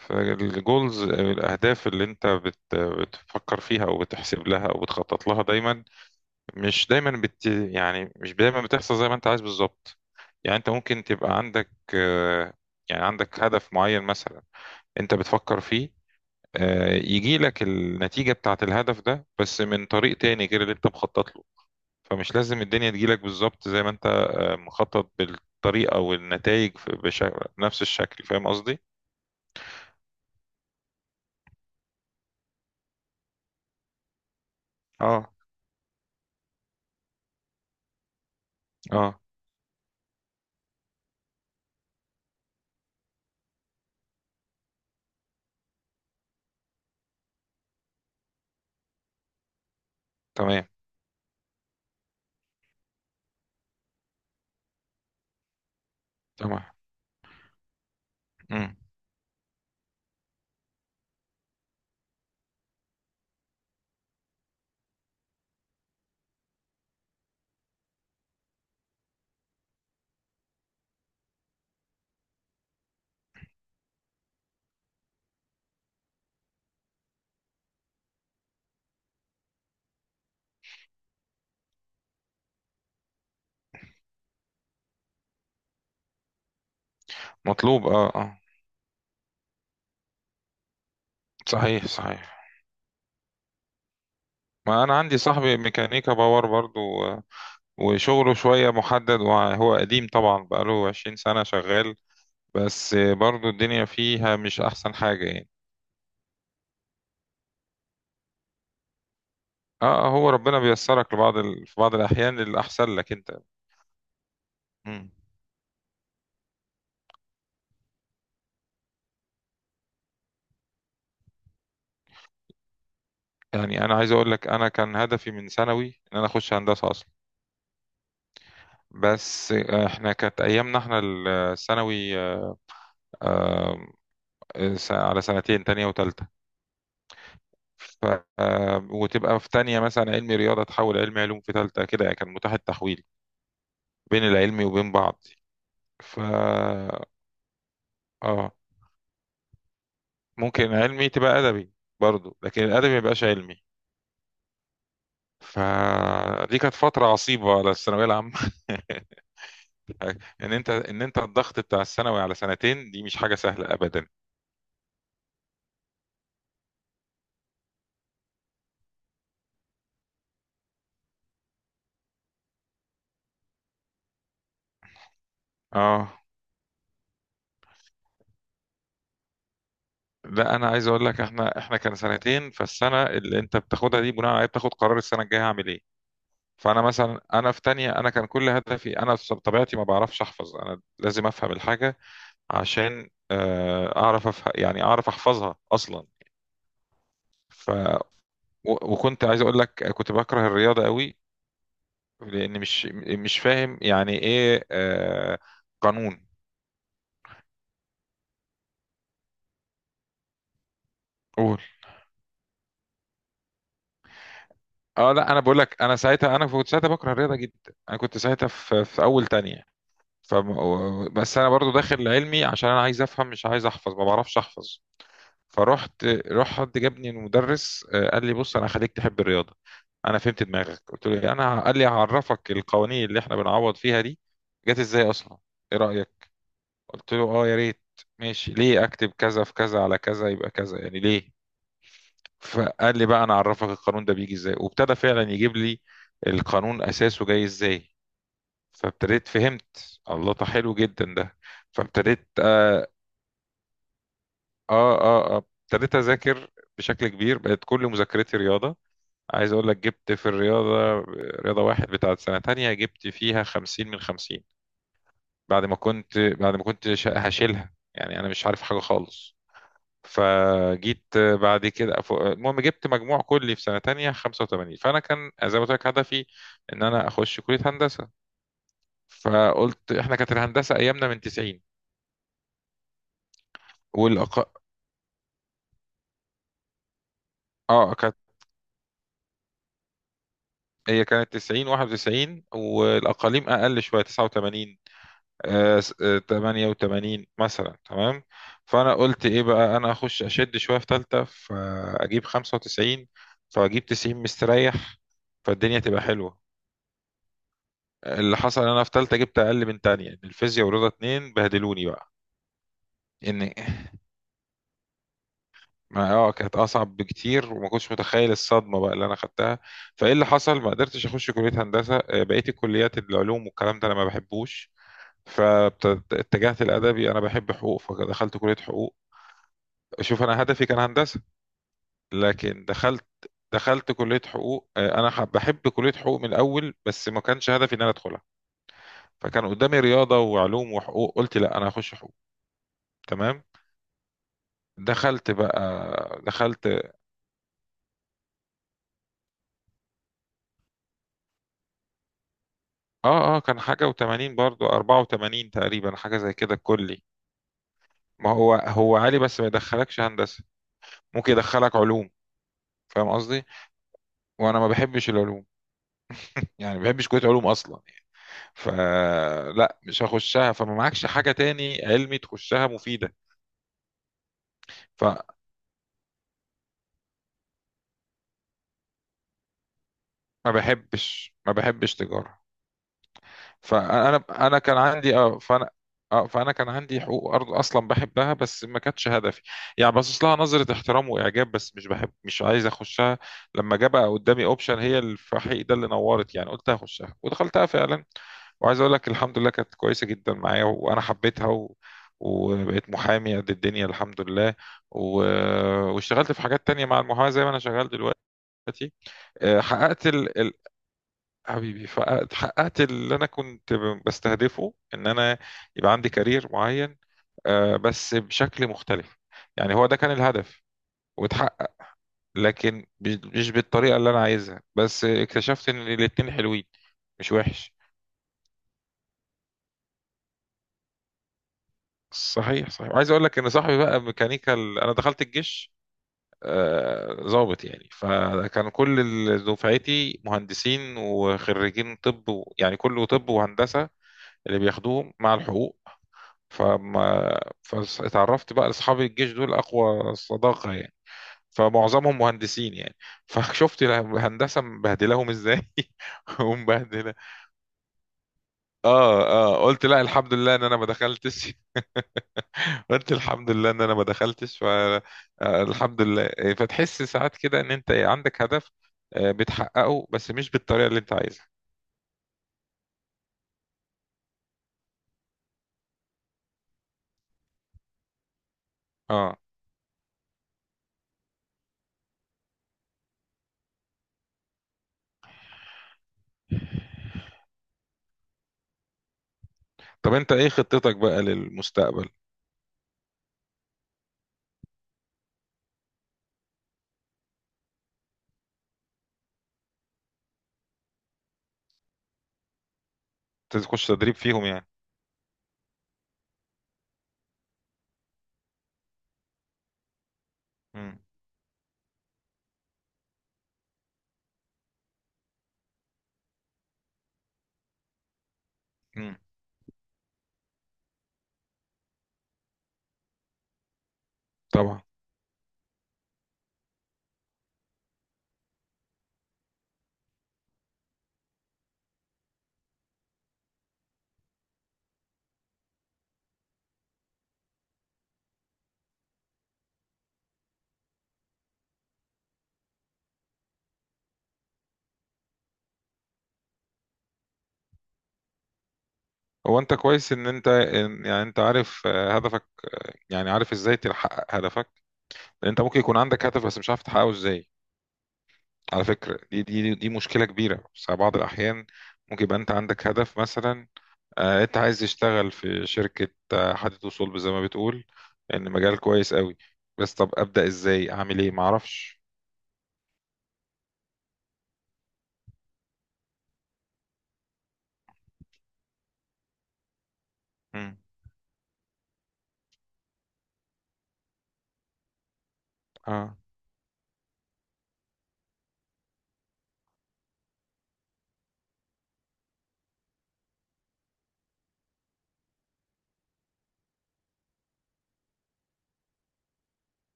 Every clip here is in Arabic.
فالجولز أو الأهداف اللي أنت بتفكر فيها أو بتحسب لها أو بتخطط لها دايما. مش دايما بتحصل زي ما أنت عايز بالظبط. يعني أنت ممكن تبقى عندك آه، يعني عندك هدف معين مثلا أنت بتفكر فيه. يجي لك النتيجة بتاعت الهدف ده بس من طريق تاني غير اللي أنت مخطط له. فمش لازم الدنيا تجيلك بالظبط زي ما أنت مخطط بالطريقة والنتائج بشكل نفس الشكل. فاهم قصدي؟ اه، اه، تمام، تمام. مم. مطلوب، اه، اه. صحيح، صحيح. ما انا عندي صاحبي ميكانيكا باور برضو، وشغله شوية محدد وهو قديم طبعا بقاله 20 سنة شغال. بس برضو الدنيا فيها مش احسن حاجة يعني. اه، هو ربنا بيسرك في بعض الاحيان للاحسن لك انت. مم. يعني انا عايز اقول لك انا كان هدفي من ثانوي ان انا اخش هندسة اصلا. بس احنا كانت ايامنا احنا الثانوي، على سنتين، تانية وتالتة. ف... وتبقى في تانية مثلا علمي رياضة تحول علمي علوم في تالتة كده. يعني كان متاح التحويل بين العلمي وبين بعض. ف اه، ممكن علمي تبقى أدبي برضو، لكن الأدبي ما يبقاش علمي. فدي كانت فترة عصيبة على الثانوية العامة ان انت الضغط بتاع الثانوي على سنتين دي مش حاجة سهلة أبدا. اه، لا، انا عايز اقول لك احنا كان سنتين. فالسنه اللي انت بتاخدها دي بناء عليها بتاخد قرار السنه الجايه هعمل ايه. فانا مثلا في تانية، كان كل هدفي، انا في طبيعتي ما بعرفش احفظ، انا لازم افهم الحاجة عشان اعرف أفه... يعني اعرف احفظها اصلا. ف و- وكنت عايز اقول لك كنت بكره الرياضة قوي، لان مش فاهم يعني ايه قانون. قول. اه، لا، انا بقول لك، انا ساعتها، انا كنت ساعتها بكره الرياضة جدا، انا كنت ساعتها في اول تانية. ف بس انا برضو داخل علمي عشان انا عايز افهم، مش عايز احفظ، ما بعرفش احفظ. فرحت، راح حد جابني المدرس، قال لي بص، انا هخليك تحب الرياضه. انا فهمت دماغك. قلت له إيه؟ انا قال لي هعرفك القوانين اللي احنا بنعوض فيها دي جت ازاي اصلا، ايه رايك؟ قلت له، اه، يا ريت. ماشي، ليه اكتب كذا في كذا على كذا يبقى كذا؟ يعني ليه؟ فقال لي بقى، انا اعرفك القانون ده بيجي ازاي، وابتدى فعلا يجيب لي القانون اساسه جاي ازاي. فابتديت فهمت، الله ده حلو جدا ده. اه، اه، اه. ابتديت اذاكر بشكل كبير، بقت كل مذاكرتي رياضه. عايز اقول لك، جبت في الرياضة، رياضة واحد بتاعت سنة تانية، جبت فيها 50 من 50، بعد ما كنت هشيلها، يعني انا مش عارف حاجة خالص. فجيت بعد كده، المهم جبت مجموع كلي في سنة تانية 85. فأنا كان زي ما قلت لك هدفي إن أنا أخش كلية هندسة. فقلت، إحنا كانت الهندسة أيامنا من 90، والأق... آه كانت 90، 91، والأقاليم أقل شوية، 89، 88 مثلا، تمام. فانا قلت ايه بقى، انا اخش اشد شويه في ثالثه فاجيب 95، فاجيب 90 مستريح، فالدنيا تبقى حلوه. اللي حصل إن انا في ثالثه جبت اقل من تانية، إن الفيزياء ورياضه اتنين بهدلوني بقى. ان ما كانت اصعب بكتير، وما كنتش متخيل الصدمه بقى اللي انا خدتها. فايه اللي حصل، ما قدرتش اخش كليه هندسه، بقيت الكليات العلوم والكلام ده انا ما بحبوش، فاتجهت الادبي. انا بحب حقوق فدخلت كليه حقوق. شوف، انا هدفي كان هندسه لكن دخلت كليه حقوق، انا بحب كليه حقوق من الاول بس ما كانش هدفي ان انا ادخلها. فكان قدامي رياضه وعلوم وحقوق، قلت لا، انا هخش حقوق. تمام، دخلت بقى دخلت. اه، اه، كان حاجه و80، برضو 84 تقريبا، حاجه زي كده الكلي. ما هو هو عالي بس ما يدخلكش هندسه، ممكن يدخلك علوم، فاهم قصدي؟ وانا ما بحبش العلوم، يعني ما بحبش كليه علوم اصلا. فلا، مش هخشها. فما معكش حاجة تاني علمي تخشها مفيدة. فما بحبش ما بحبش تجارة. فانا انا كان عندي اه فانا اه فانا كان عندي حقوق، ارض اصلا بحبها بس ما كانتش هدفي، يعني باصص لها نظرة احترام واعجاب بس مش بحب، مش عايز اخشها. لما جه بقى قدامي اوبشن، هي الفحيح ده اللي نورت يعني، قلت هخشها ودخلتها فعلا. وعايز اقول لك، الحمد لله كانت كويسه جدا معايا وانا حبيتها. وبقيت محامي قد الدنيا، الحمد لله. و... واشتغلت في حاجات تانية مع المحاماة زي ما انا شغال دلوقتي. آه، حققت حبيبي، فحققت اللي انا كنت بستهدفه، ان انا يبقى عندي كارير معين، بس بشكل مختلف. يعني هو ده كان الهدف واتحقق، لكن مش بالطريقه اللي انا عايزها، بس اكتشفت ان الاتنين حلوين، مش وحش. صحيح، صحيح. وعايز اقول لك ان صاحبي بقى ميكانيكا، انا دخلت الجيش ضابط يعني، فكان كل دفعتي مهندسين وخريجين طب، يعني كله طب وهندسه، اللي بياخدوهم مع الحقوق. فاتعرفت بقى لاصحاب الجيش دول اقوى صداقه يعني، فمعظمهم مهندسين يعني فشفت الهندسه مبهدلاهم ازاي ومبهدله. اه، اه، قلت لا، الحمد لله ان انا ما دخلتش. قلت الحمد لله ان انا ما دخلتش. ف آه، الحمد لله. فتحس ساعات كده ان انت عندك هدف بتحققه بس مش بالطريقه اللي انت عايزها. اه. طب انت ايه خطتك بقى للمستقبل؟ تخش تدريب فيهم يعني؟ امم، امم، طبعا. هو انت كويس ان انت عارف هدفك، يعني عارف ازاي تحقق هدفك. لان انت ممكن يكون عندك هدف بس مش عارف تحققه ازاي. على فكرة دي مشكلة كبيرة، بس على بعض الاحيان ممكن يبقى انت عندك هدف مثلا، انت عايز تشتغل في شركة حديد وصلب زي ما بتقول ان مجال كويس قوي، بس طب ابدأ ازاي، اعمل ايه، معرفش. مم. اه،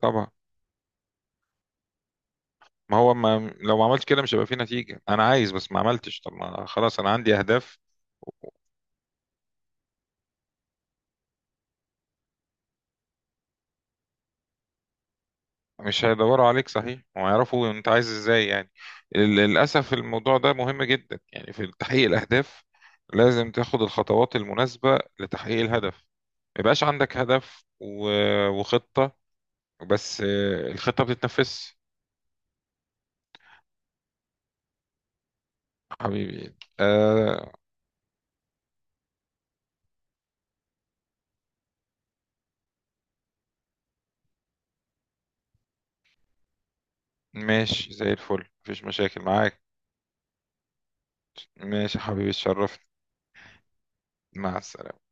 طبعا. ما هو، ما لو ما عملتش كده مش هيبقى في نتيجة. انا عايز، بس ما عملتش. طب ما خلاص انا عندي اهداف. مش هيدوروا عليك، صحيح، ويعرفوا انت عايز ازاي يعني. للاسف الموضوع ده مهم جدا يعني في تحقيق الاهداف. لازم تاخد الخطوات المناسبه لتحقيق الهدف. ما يبقاش عندك هدف و- وخطه، بس الخطه بتتنفذ. حبيبي. ماشي، زي الفل، مفيش مشاكل معاك. ماشي يا حبيبي، اتشرفت. مع السلامه.